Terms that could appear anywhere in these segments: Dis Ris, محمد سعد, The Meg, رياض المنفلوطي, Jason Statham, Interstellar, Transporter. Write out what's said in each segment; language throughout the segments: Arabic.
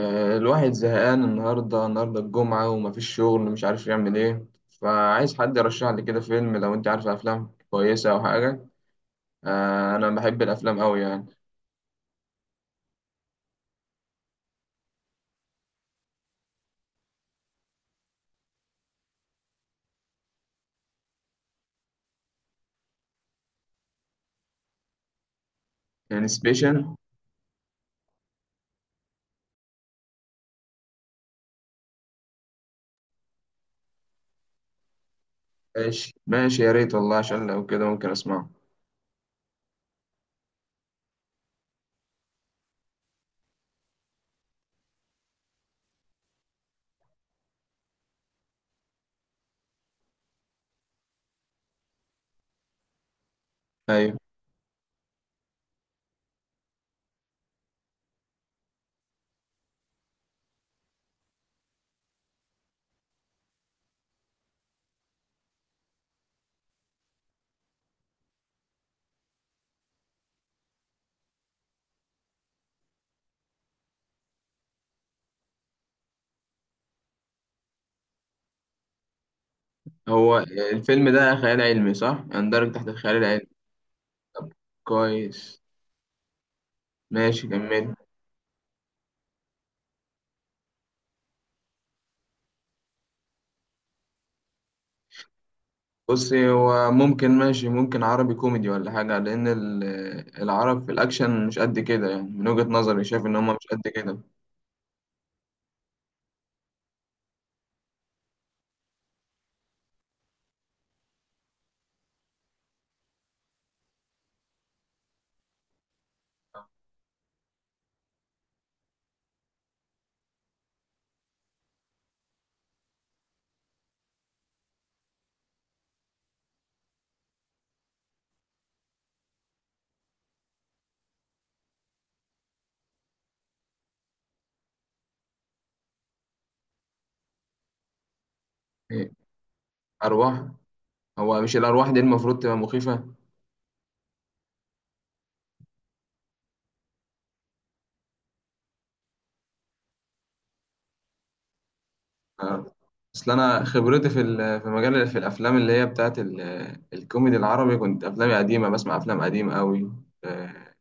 الواحد زهقان النهاردة الجمعة ومفيش شغل مش عارف يعمل ايه فعايز حد يرشح لي كده فيلم لو انت عارف افلام كويسة او حاجة. انا بحب الافلام اوي يعني. يعني سبيشال. ماشي ماشي يا ريت والله عشان لو كده ممكن اسمعه. ايوه، هو الفيلم ده خيال علمي صح؟ يندرج تحت الخيال العلمي. طب كويس، ماشي كمل. بصي هو ممكن ماشي، ممكن عربي كوميدي ولا حاجة لأن العرب في الأكشن مش قد كده، يعني من وجهة نظري شايف إن هما مش قد كده. إيه، أرواح؟ هو مش الأرواح دي المفروض تبقى مخيفة؟ آه، أصل أنا خبرتي في في مجال في الأفلام اللي هي بتاعت الكوميدي العربي، كنت أفلامي قديمة، بسمع أفلام قديمة أوي. آه،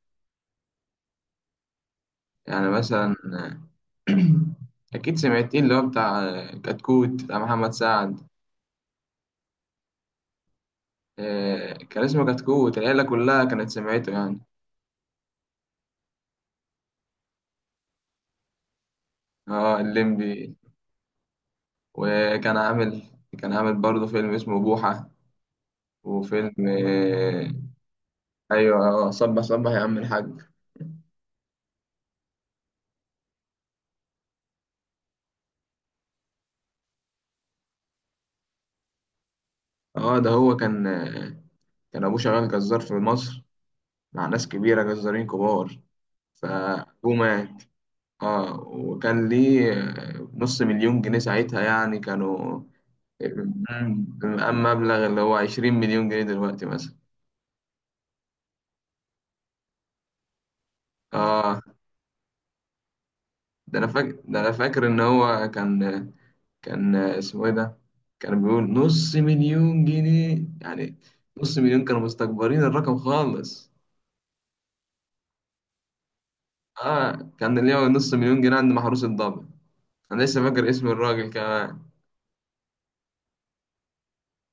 يعني مثلا أكيد سمعتين اللي هو بتاع كتكوت بتاع محمد سعد. كان اسمه كتكوت، العيلة كلها كانت سمعته يعني. اه الليمبي. وكان عامل، كان عامل برضه فيلم اسمه بوحة، وفيلم ايوه، اه صبح صبح يا عم الحاج. اه ده هو كان، كان ابوه شغال جزار في مصر مع ناس كبيرة، جزارين كبار، فابوه مات. اه وكان ليه نص مليون جنيه ساعتها، يعني كانوا اما مبلغ، اللي هو 20 مليون جنيه دلوقتي مثلا. اه ده انا فاكر، ان هو كان، كان اسمه ايه ده؟ كان بيقول نص مليون جنيه، يعني نص مليون كانوا مستكبرين الرقم خالص. اه كان اللي هو نص مليون جنيه عند محروس الضابط، انا لسه فاكر اسم الراجل كمان.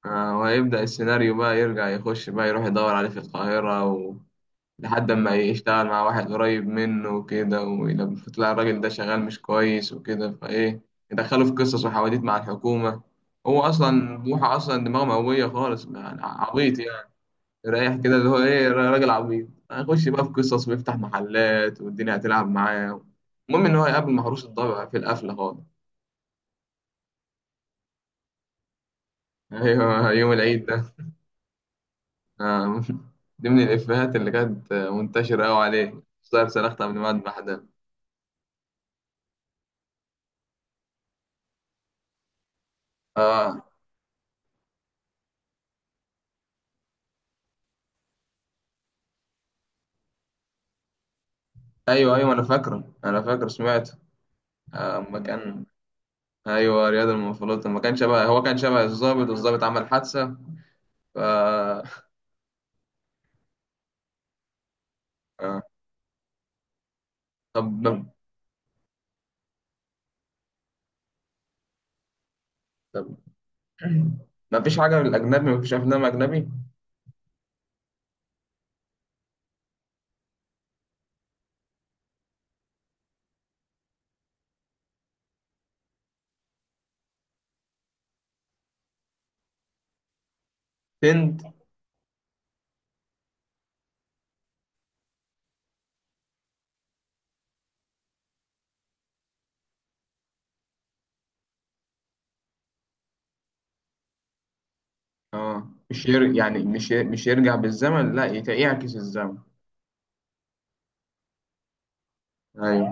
آه وهيبدأ السيناريو بقى يرجع يخش بقى يروح يدور عليه في القاهرة و... لحد ما يشتغل مع واحد قريب منه وكده، ولما تلاقي الراجل ده شغال مش كويس وكده فايه، يدخله في قصص وحواديت مع الحكومة. هو اصلا بوحة اصلا دماغه مقوية خالص يعني، عبيط يعني. رايح كده اللي هو ايه، راجل عبيط، هنخش بقى في قصص ويفتح محلات والدنيا هتلعب معاه. المهم ان هو يقابل مهروس الضبع في القفله خالص. ايوه يوم العيد ده. آه، دي من الافيهات اللي كانت منتشره قوي عليه، صار صرخت قبل ما اذبح ده. اه ايوه، ايوه انا فاكر سمعته. اما كان، ايوه رياض المنفلوطي، ما كان شبه، هو كان شبه الضابط، والضابط عمل حادثه. ف آه، آه، طب، طب ما فيش حاجه من الاجنبي؟ ما فيش افلام اجنبي؟ هند. اه مش ير... يعني مش ي- مش يرجع بالزمن، لا يعكس الزمن. ايوه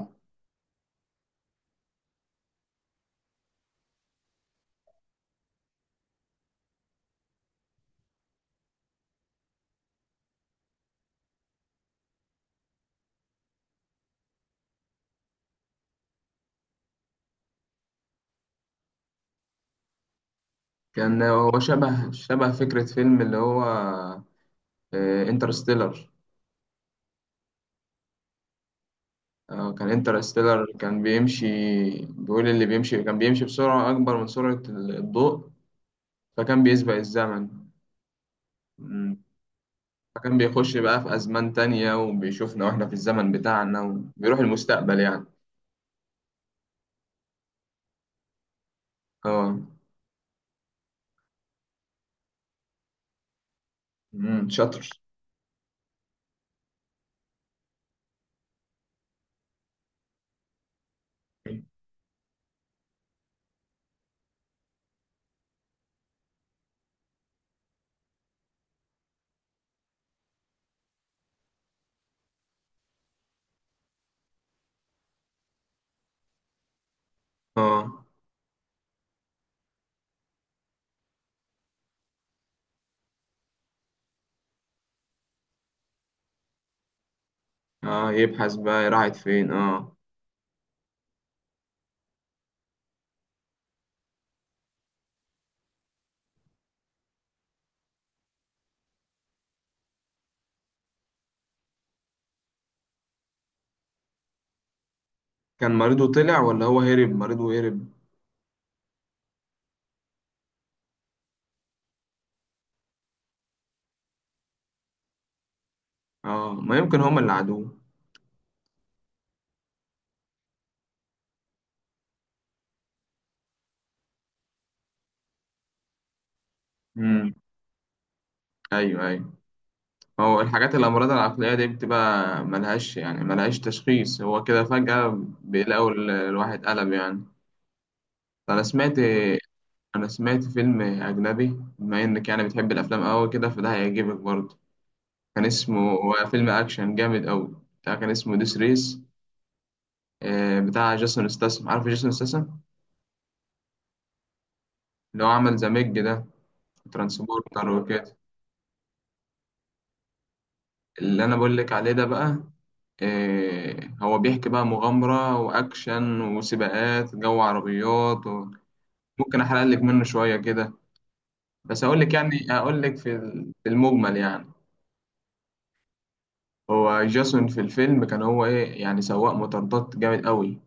كان هو شبه شبه فكرة فيلم اللي هو انترستيلر. آه كان انترستيلر كان بيمشي، بيقول اللي بيمشي كان بيمشي بسرعة أكبر من سرعة الضوء، فكان بيسبق الزمن. مم. فكان بيخش بقى في أزمان تانية وبيشوفنا وإحنا في الزمن بتاعنا، وبيروح المستقبل يعني. اه. مم، شاطر. اه اه يبحث بقى راحت فين. اه كان مريضه طلع، ولا هو هرب؟ مريضه هرب؟ اه ما يمكن هما اللي عادوه. امم ايوه ايوه. هو الحاجات الامراض العقليه دي بتبقى ملهاش يعني، ملهاش تشخيص، هو كده فجاه بيلاقوا الواحد قلب يعني. انا سمعت، فيلم اجنبي بما انك يعني بتحب الافلام قوي كده، فده هيعجبك برضه. كان اسمه، هو فيلم اكشن جامد قوي، بتاع، كان اسمه ديس ريس، بتاع جيسون ستاثام، عارف جيسون ستاثام؟ اللي هو عمل ذا ميج ده، ترانسبورتر وكده. اللي انا بقول لك عليه ده بقى إيه؟ هو بيحكي بقى مغامرة واكشن وسباقات جو، عربيات و... ممكن احرق لك منه شوية كده، بس اقول لك يعني، اقول لك في في المجمل يعني. هو جاسون في الفيلم كان هو ايه يعني، سواق مطاردات جامد قوي،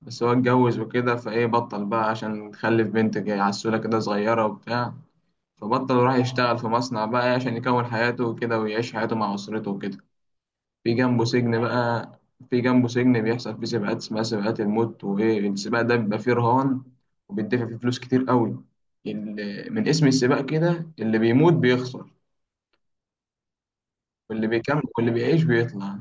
بس هو اتجوز وكده فايه، بطل بقى عشان خلف بنت جاي عسولة كده صغيرة وبتاع، فبطل وراح يشتغل في مصنع بقى عشان يكون حياته وكده، ويعيش حياته مع أسرته وكده. في جنبه سجن بقى، في جنبه سجن بيحصل فيه سباقات، اسمها سباقات الموت، وايه السباق ده بيبقى فيه رهان وبيدفع فيه فلوس كتير قوي، اللي من اسم السباق كده، اللي بيموت بيخسر واللي بيكمل واللي بيعيش بيطلع.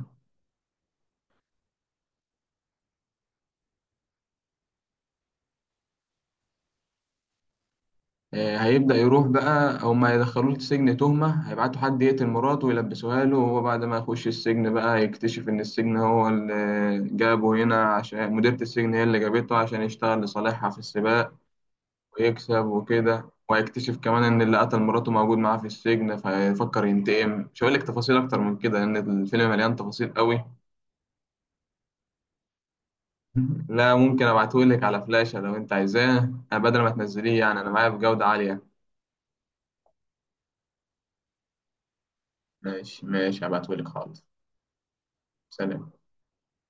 هيبدأ يروح بقى، هما هيدخلوه السجن تهمة، هيبعتوا حد يقتل مراته ويلبسوها له، وهو بعد ما يخش السجن بقى يكتشف إن السجن هو اللي جابه هنا، عشان مديرة السجن هي اللي جابته عشان يشتغل لصالحها في السباق ويكسب وكده. وهيكتشف كمان ان اللي قتل مراته موجود معاه في السجن، فيفكر ينتقم. مش هقول لك تفاصيل اكتر من كده لان الفيلم مليان تفاصيل قوي. لا ممكن ابعته لك على فلاشة لو انت عايزاه، أنا بدل ما تنزليه يعني، انا معايا بجودة عالية. ماشي ماشي هبعته لك، حاضر. سلام.